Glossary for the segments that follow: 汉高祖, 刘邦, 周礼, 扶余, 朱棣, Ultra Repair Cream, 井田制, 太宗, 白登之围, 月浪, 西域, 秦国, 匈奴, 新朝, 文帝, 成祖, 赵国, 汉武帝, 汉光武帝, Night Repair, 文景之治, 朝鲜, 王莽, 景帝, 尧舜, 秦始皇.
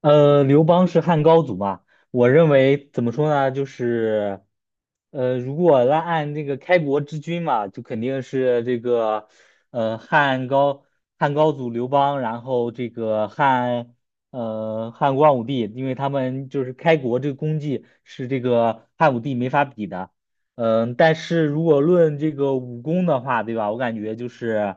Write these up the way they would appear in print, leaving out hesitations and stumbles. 刘邦是汉高祖嘛？我认为怎么说呢，就是，如果按这个开国之君嘛，就肯定是这个，呃，汉高汉高祖刘邦，然后这个汉光武帝，因为他们就是开国这个功绩是这个汉武帝没法比的。嗯，但是如果论这个武功的话，对吧？我感觉就是，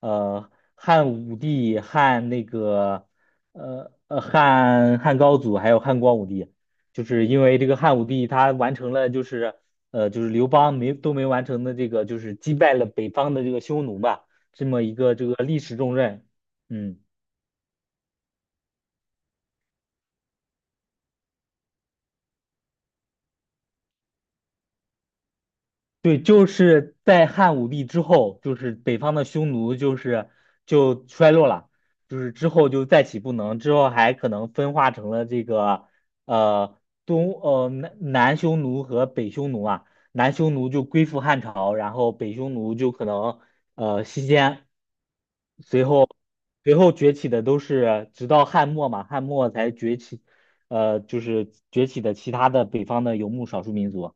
呃，汉武帝汉那个。汉高祖还有汉光武帝，就是因为这个汉武帝他完成了刘邦没完成的这个就是击败了北方的这个匈奴吧，这么一个这个历史重任。嗯。对，就是在汉武帝之后，就是北方的匈奴就衰落了，就是之后就再起不能，之后还可能分化成了这个呃东呃南南匈奴和北匈奴啊。南匈奴就归附汉朝，然后北匈奴就可能西迁，随后崛起的都是直到汉末嘛，汉末才崛起，就是崛起的其他的北方的游牧少数民族。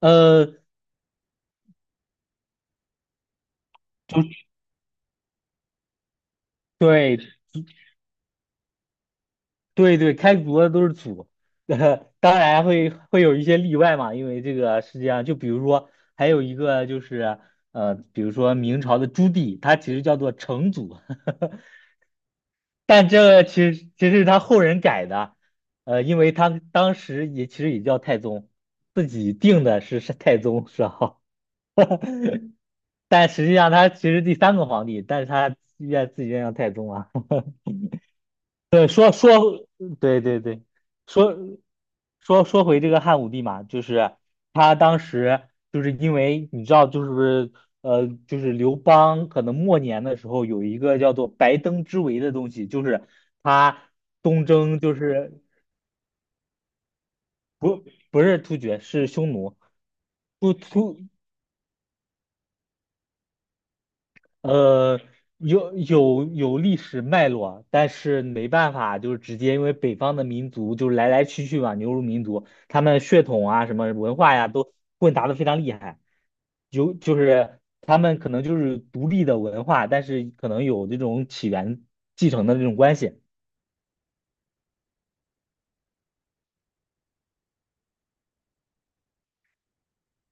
呃，对，对对，开国的都是祖。当然会有一些例外嘛，因为这个世界上，就比如说还有一个就是，比如说明朝的朱棣，他其实叫做成祖。但这个其实是他后人改的。因为他当时也其实也叫太宗，自己定的是太宗是吧？但实际上他其实第三个皇帝，但是他愿自己愿叫太宗啊。对，对对对。说说回这个汉武帝嘛，就是他当时就是因为你知道，就是刘邦可能末年的时候有一个叫做白登之围的东西，就是他东征，就是不是突厥，是匈奴。突突呃，有历史脉络，但是没办法，就是直接因为北方的民族就是来来去去嘛，牛乳民族，他们血统啊什么文化呀都混杂的非常厉害，有就是他们可能就是独立的文化，但是可能有这种起源继承的这种关系。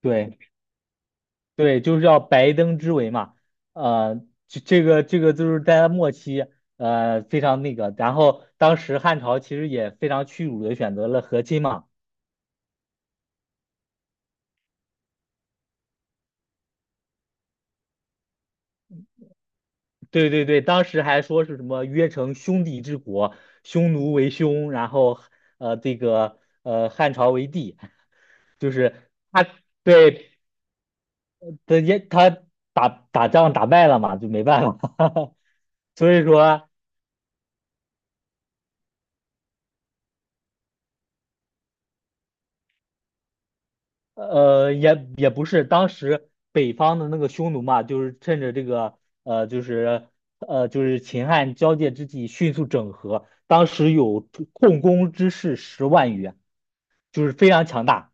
对对，就是要白登之围嘛。呃，这个就是在末期。非常那个，然后当时汉朝其实也非常屈辱的选择了和亲嘛。对对对，当时还说是什么约成兄弟之国，匈奴为兄，然后汉朝为帝。就是他对他也他打仗打败了嘛，就没办法。所以说也不是当时北方的那个匈奴嘛，就是趁着这个呃就是秦汉交界之际迅速整合，当时有控工之士10万余。就是非常强大，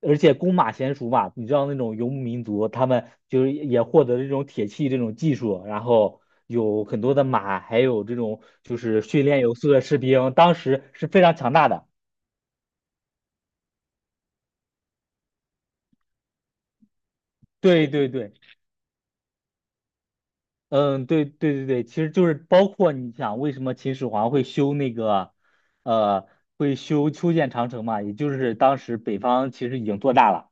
而且弓马娴熟嘛，你知道那种游牧民族，他们就是也获得了这种铁器这种技术，然后有很多的马，还有这种就是训练有素的士兵，当时是非常强大的。对对对。嗯，对对对对，其实就是包括你想为什么秦始皇会修那个，呃，会修建长城嘛，也就是当时北方其实已经做大了。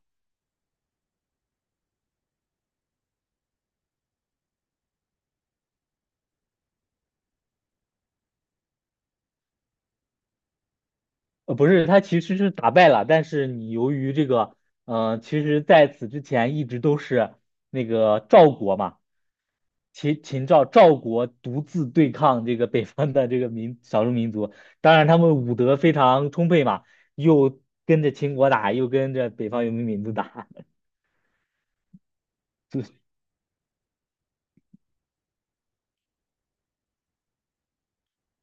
不是，他其实是打败了，但是你由于这个，其实在此之前一直都是那个赵国嘛。秦秦赵赵国独自对抗这个北方的这个少数民族，当然他们武德非常充沛嘛，又跟着秦国打，又跟着北方游牧民族打。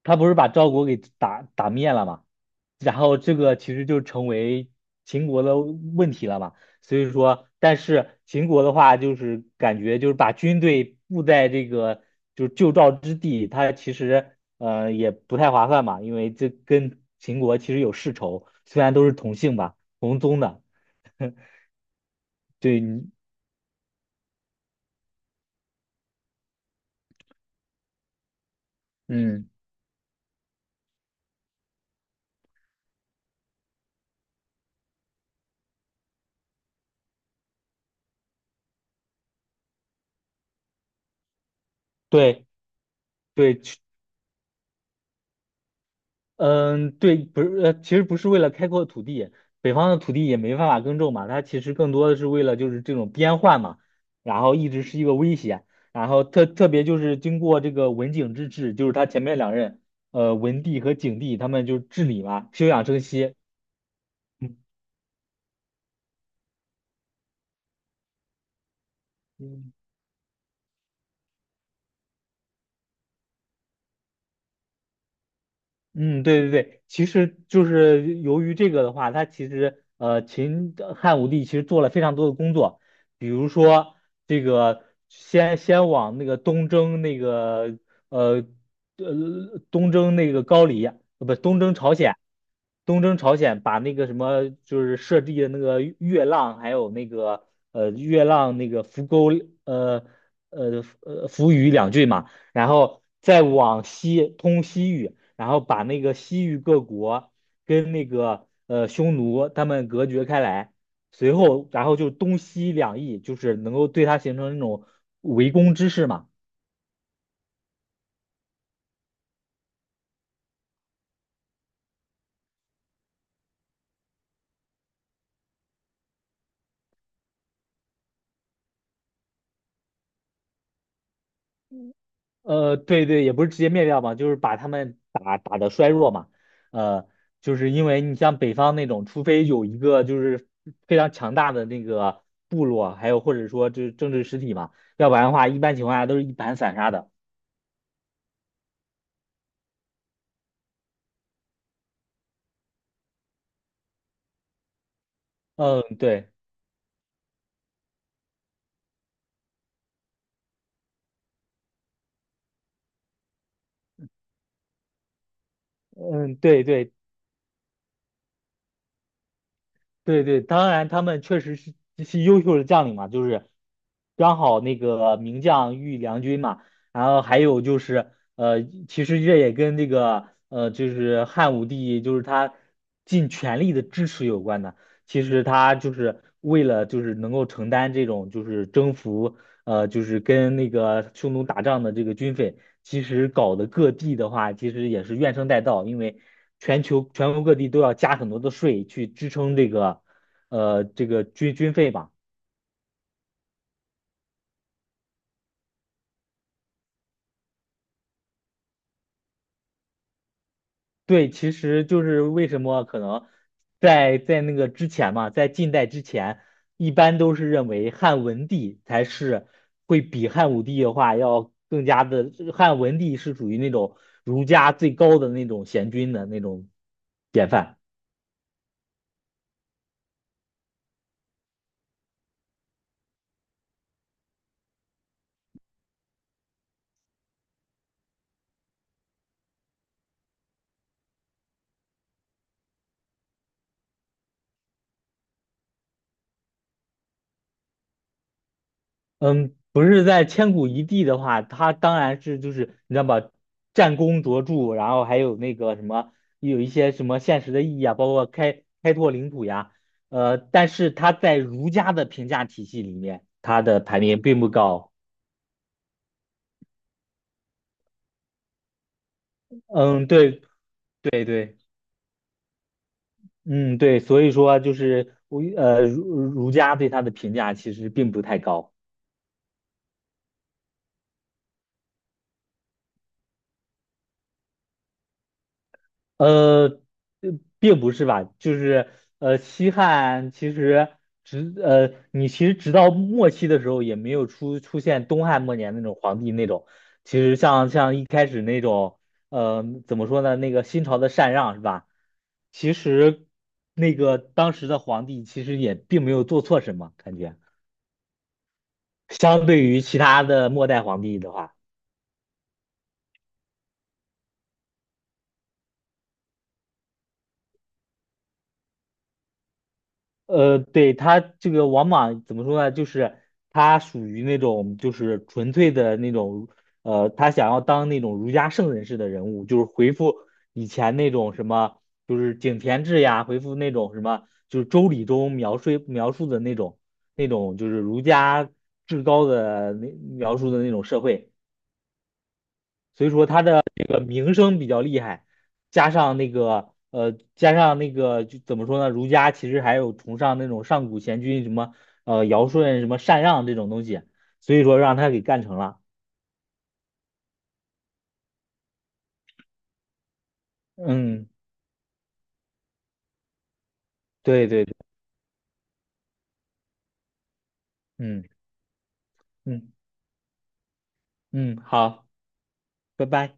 他不是把赵国给打灭了嘛，然后这个其实就成为秦国的问题了嘛。所以说，但是秦国的话，就是感觉就是把军队布在这个就是旧赵之地，它其实也不太划算嘛，因为这跟秦国其实有世仇，虽然都是同姓吧，同宗的。对，嗯，对对，嗯，对，不是，其实不是为了开阔土地，北方的土地也没办法耕种嘛，它其实更多的是为了就是这种边患嘛，然后一直是一个威胁，然后特别就是经过这个文景之治，就是他前面两任，文帝和景帝他们就治理嘛，休养生息。嗯嗯，对对对，其实就是由于这个的话，他其实秦汉武帝其实做了非常多的工作，比如说这个先往那个东征那个呃东征那个高丽，不东征朝鲜。东征朝鲜把那个什么就是设计的那个月浪，还有那个月浪那个浮沟呃扶余两郡嘛。然后再往西通西域，然后把那个西域各国跟那个匈奴他们隔绝开来，随后然后就东西两翼，就是能够对它形成那种围攻之势嘛。对对，也不是直接灭掉嘛，就是把他们打的衰弱嘛。呃，就是因为你像北方那种，除非有一个就是非常强大的那个部落，还有或者说就是政治实体嘛，要不然的话，一般情况下都是一盘散沙的。嗯，对，嗯，对对，对对，当然他们确实是这些优秀的将领嘛，就是刚好那个名将遇良军嘛，然后还有就是其实这也跟这个就是汉武帝就是他尽全力的支持有关的。其实他就是为了就是能够承担这种就是征服就是跟那个匈奴打仗的这个军费，其实搞得各地的话，其实也是怨声载道，因为全球全国各地都要加很多的税去支撑这个，这个军费嘛。对，其实就是为什么可能在那个之前嘛，在近代之前，一般都是认为汉文帝才是会比汉武帝的话要更加的，汉文帝是属于那种儒家最高的那种贤君的那种典范。嗯，不是在千古一帝的话，他当然是就是你知道吧，战功卓著，然后还有那个什么，有一些什么现实的意义啊，包括开拓领土呀，但是他在儒家的评价体系里面，他的排名并不高。嗯，对对对。嗯，对，所以说就是我儒家对他的评价其实并不太高。呃，呃并不是吧，就是西汉其实你其实直到末期的时候也没有出现东汉末年那种皇帝那种，其实像一开始那种，怎么说呢，那个新朝的禅让是吧？其实那个当时的皇帝其实也并没有做错什么，感觉相对于其他的末代皇帝的话。对，他这个王莽怎么说呢？就是他属于那种就是纯粹的那种，他想要当那种儒家圣人式的人物，就是回复以前那种什么，就是井田制呀，回复那种什么，就是周礼中描述的那种就是儒家至高的那描述的那种社会。个名声比较厉害，加上那个加上那个就怎么说呢？儒家其实还有崇尚那种上古贤君什么尧舜什么禅让这种东西，所以说让他给干成了。嗯，对对对，嗯嗯嗯，好，拜拜。